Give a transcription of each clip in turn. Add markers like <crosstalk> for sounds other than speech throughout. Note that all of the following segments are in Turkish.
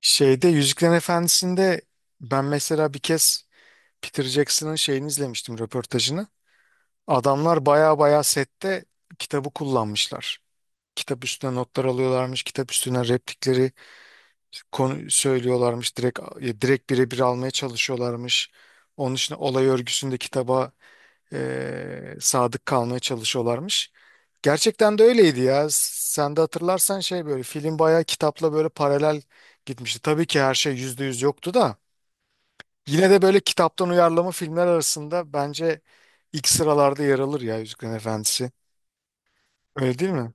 Şeyde Yüzüklerin Efendisi'nde ben mesela bir kez Peter Jackson'ın şeyini izlemiştim, röportajını. Adamlar baya baya sette kitabı kullanmışlar. Kitap üstüne notlar alıyorlarmış, kitap üstüne replikleri konu söylüyorlarmış, direkt birebir almaya çalışıyorlarmış. Onun için olay örgüsünde kitaba sadık kalmaya çalışıyorlarmış. Gerçekten de öyleydi ya. Sen de hatırlarsan şey böyle film bayağı kitapla böyle paralel gitmişti. Tabii ki her şey yüzde yüz yoktu da. Yine de böyle kitaptan uyarlama filmler arasında bence ilk sıralarda yer alır ya Yüzüklerin Efendisi. Öyle değil mi?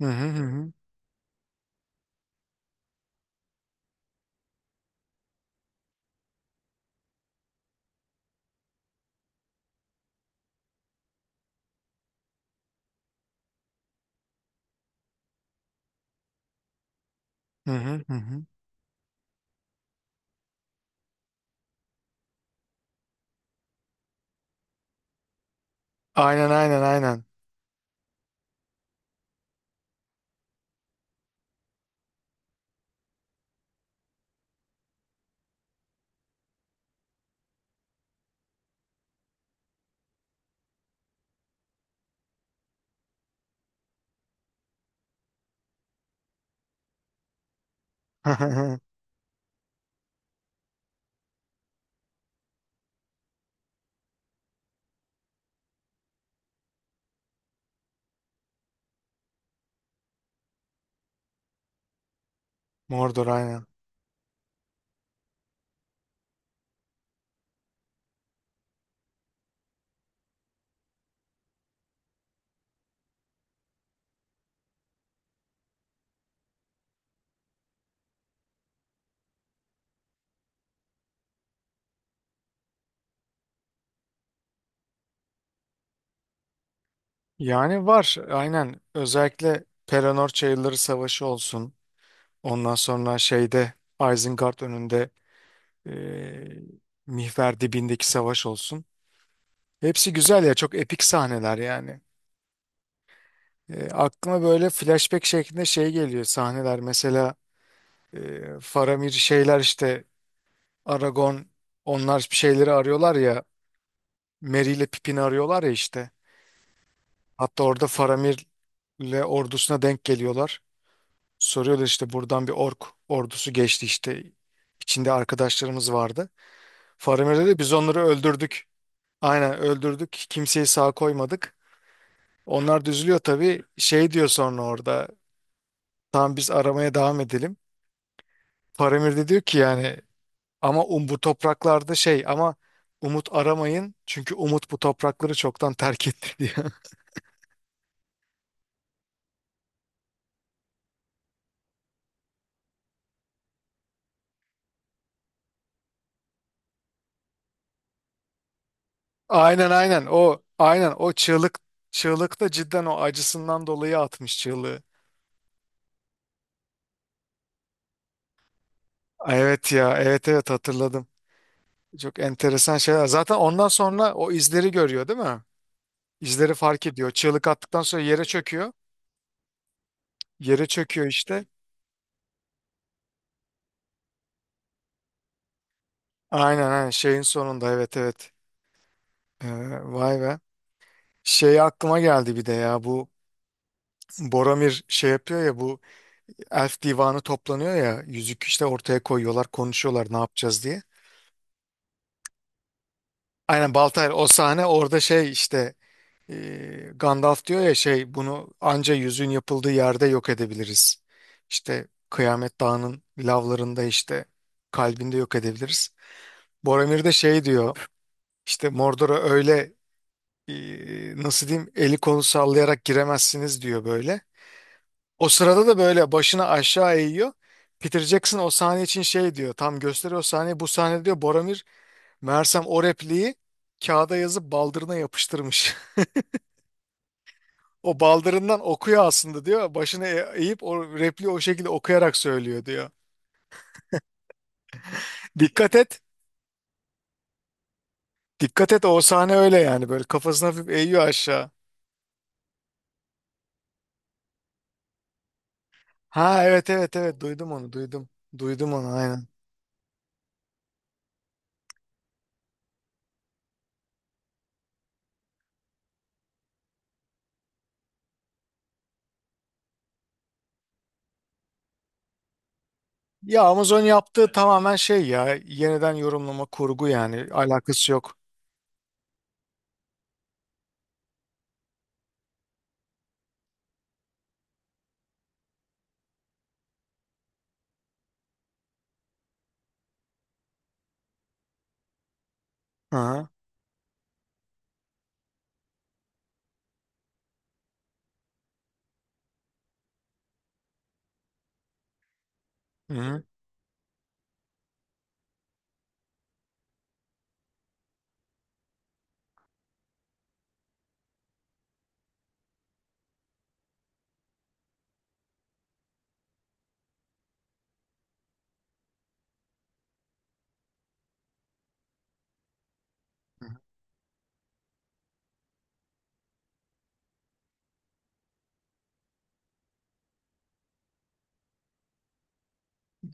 Hı hı hı hı. Hı hı hı hı. Aynen aynen aynen. <laughs> Mordor aynen. Yani var aynen. Özellikle Pelennor Çayırları Savaşı olsun. Ondan sonra şeyde Isengard önünde eee Mihver dibindeki savaş olsun. Hepsi güzel ya, çok epik sahneler yani. Aklıma böyle flashback şeklinde şey geliyor sahneler mesela. Faramir şeyler işte, Aragon, onlar bir şeyleri arıyorlar ya, Merry ile Pippin'i arıyorlar ya işte. Hatta orada Faramir'le ordusuna denk geliyorlar. Soruyorlar işte buradan bir ork ordusu geçti işte, içinde arkadaşlarımız vardı. Faramir'e de biz onları öldürdük. Aynen öldürdük. Kimseyi sağ koymadık. Onlar da üzülüyor tabii. Şey diyor sonra orada. Tamam biz aramaya devam edelim. Faramir de diyor ki yani, ama bu topraklarda şey, ama umut aramayın çünkü umut bu toprakları çoktan terk etti diyor. <laughs> Aynen aynen o, aynen o çığlık, da cidden o acısından dolayı atmış çığlığı. Evet ya, evet evet hatırladım. Çok enteresan şeyler. Zaten ondan sonra o izleri görüyor değil mi? İzleri fark ediyor. Çığlık attıktan sonra yere çöküyor. Yere çöküyor işte. Aynen aynen şeyin sonunda, evet evet. Ee, Vay be. Şey aklıma geldi bir de ya, bu Boromir şey yapıyor ya, bu Elf divanı toplanıyor ya, yüzük işte ortaya koyuyorlar, konuşuyorlar ne yapacağız diye. Aynen Baltayr o sahne orada şey işte, e, Gandalf diyor ya şey, bunu anca yüzüğün yapıldığı yerde yok edebiliriz. İşte Kıyamet Dağı'nın lavlarında işte kalbinde yok edebiliriz. Boromir de şey diyor, işte Mordor'a öyle e, nasıl diyeyim, eli kolu sallayarak giremezsiniz diyor böyle. O sırada da böyle başını aşağı eğiyor. Peter Jackson o sahne için şey diyor. Tam gösteriyor o sahneyi. Bu sahne diyor, Boromir meğersem o repliği kağıda yazıp baldırına yapıştırmış. <laughs> O baldırından okuyor aslında diyor. Başını eğip o repliği o şekilde okuyarak söylüyor diyor. Dikkat et. Dikkat et o sahne öyle yani. Böyle kafasını hafif eğiyor aşağı. Ha evet evet evet, duydum onu, duydum. Duydum onu aynen. Ya Amazon yaptığı tamamen şey ya. Yeniden yorumlama kurgu yani. Alakası yok. Hı hı. Hı hı.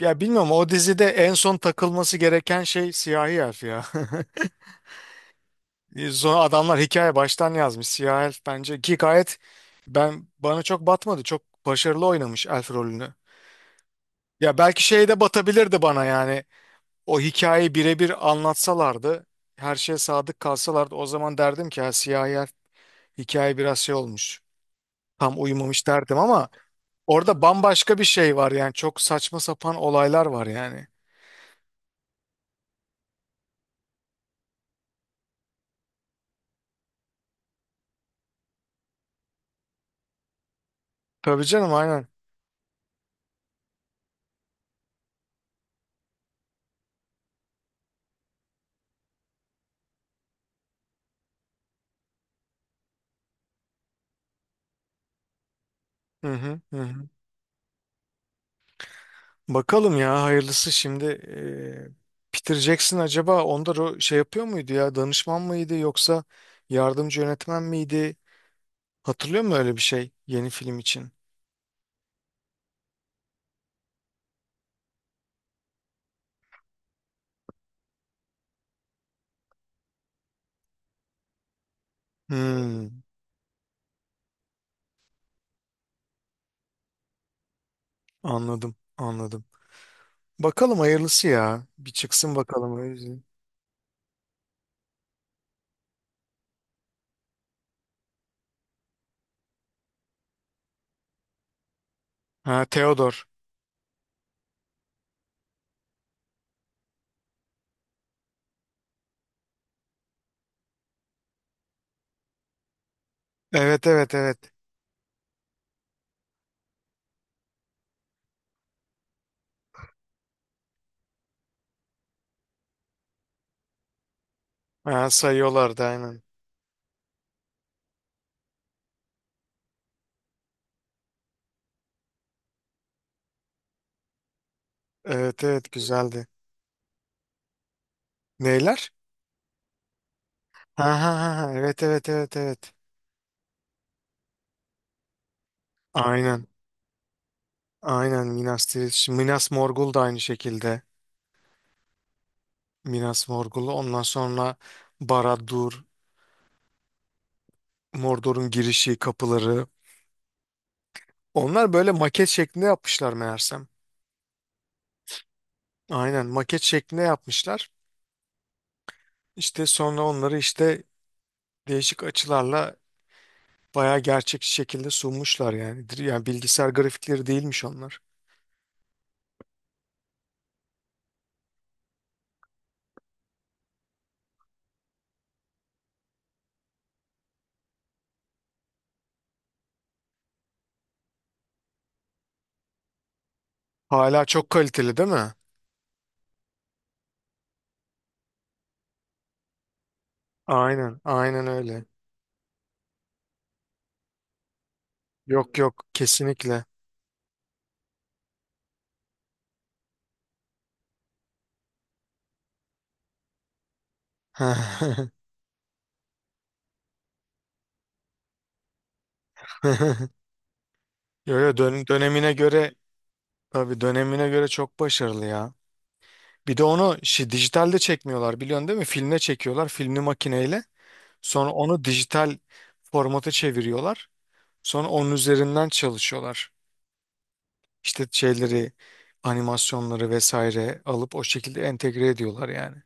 Ya bilmiyorum, o dizide en son takılması gereken şey siyahi elf ya. <laughs> Sonra adamlar hikaye baştan yazmış. Siyahi elf bence ki gayet, bana çok batmadı. Çok başarılı oynamış elf rolünü. Ya belki şey de batabilirdi bana yani. O hikayeyi birebir anlatsalardı, her şeye sadık kalsalardı o zaman derdim ki ha, siyahi elf, hikaye biraz şey olmuş. Tam uyumamış derdim ama orada bambaşka bir şey var yani. Çok saçma sapan olaylar var yani. Tabii canım aynen. Hı hı hı hı. Bakalım ya, hayırlısı şimdi. Peter Jackson acaba onda şey yapıyor muydu ya, danışman mıydı yoksa yardımcı yönetmen miydi? Hatırlıyor musun öyle bir şey yeni film için? Hmm, Anladım anladım. Bakalım hayırlısı ya, bir çıksın bakalım o yüzden. Ha Theodore. Evet evet evet. Ha, sayıyorlardı aynen. Evet evet güzeldi. Neyler? Ha ha ha ha, evet evet evet evet. Aynen aynen Minas, Minas Morgul da aynı şekilde. Minas Morgul'u. Ondan sonra Barad-dûr, Mordor'un girişi, kapıları. Onlar böyle maket şeklinde yapmışlar meğersem. Aynen maket şeklinde yapmışlar. İşte sonra onları işte değişik açılarla bayağı gerçekçi şekilde sunmuşlar yani. Yani bilgisayar grafikleri değilmiş onlar. Hala çok kaliteli değil mi? Aynen, aynen öyle. Yok yok, kesinlikle. <laughs> Yo yo, dönemine göre, tabii dönemine göre çok başarılı ya. Bir de onu dijitalde çekmiyorlar, biliyorsun değil mi? Filme çekiyorlar, filmli makineyle. Sonra onu dijital formata çeviriyorlar. Sonra onun üzerinden çalışıyorlar. İşte şeyleri, animasyonları vesaire alıp o şekilde entegre ediyorlar yani.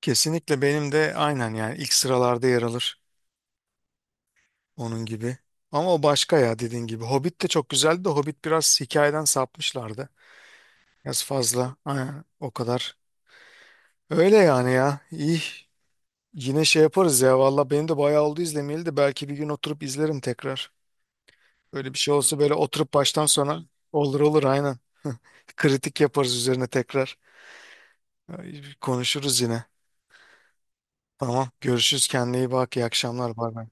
Kesinlikle, benim de aynen yani, ilk sıralarda yer alır onun gibi. Ama o başka ya, dediğin gibi. Hobbit de çok güzeldi de Hobbit biraz hikayeden sapmışlardı. Biraz fazla aynen, o kadar. Öyle yani ya. İyi, yine şey yaparız ya valla, benim de bayağı oldu izlemeyeli de, belki bir gün oturup izlerim tekrar. Öyle bir şey olsa böyle oturup baştan sona, olur olur aynen. <laughs> Kritik yaparız üzerine tekrar. Ay, konuşuruz yine. Tamam görüşürüz, kendine iyi bak, iyi akşamlar, bay bay.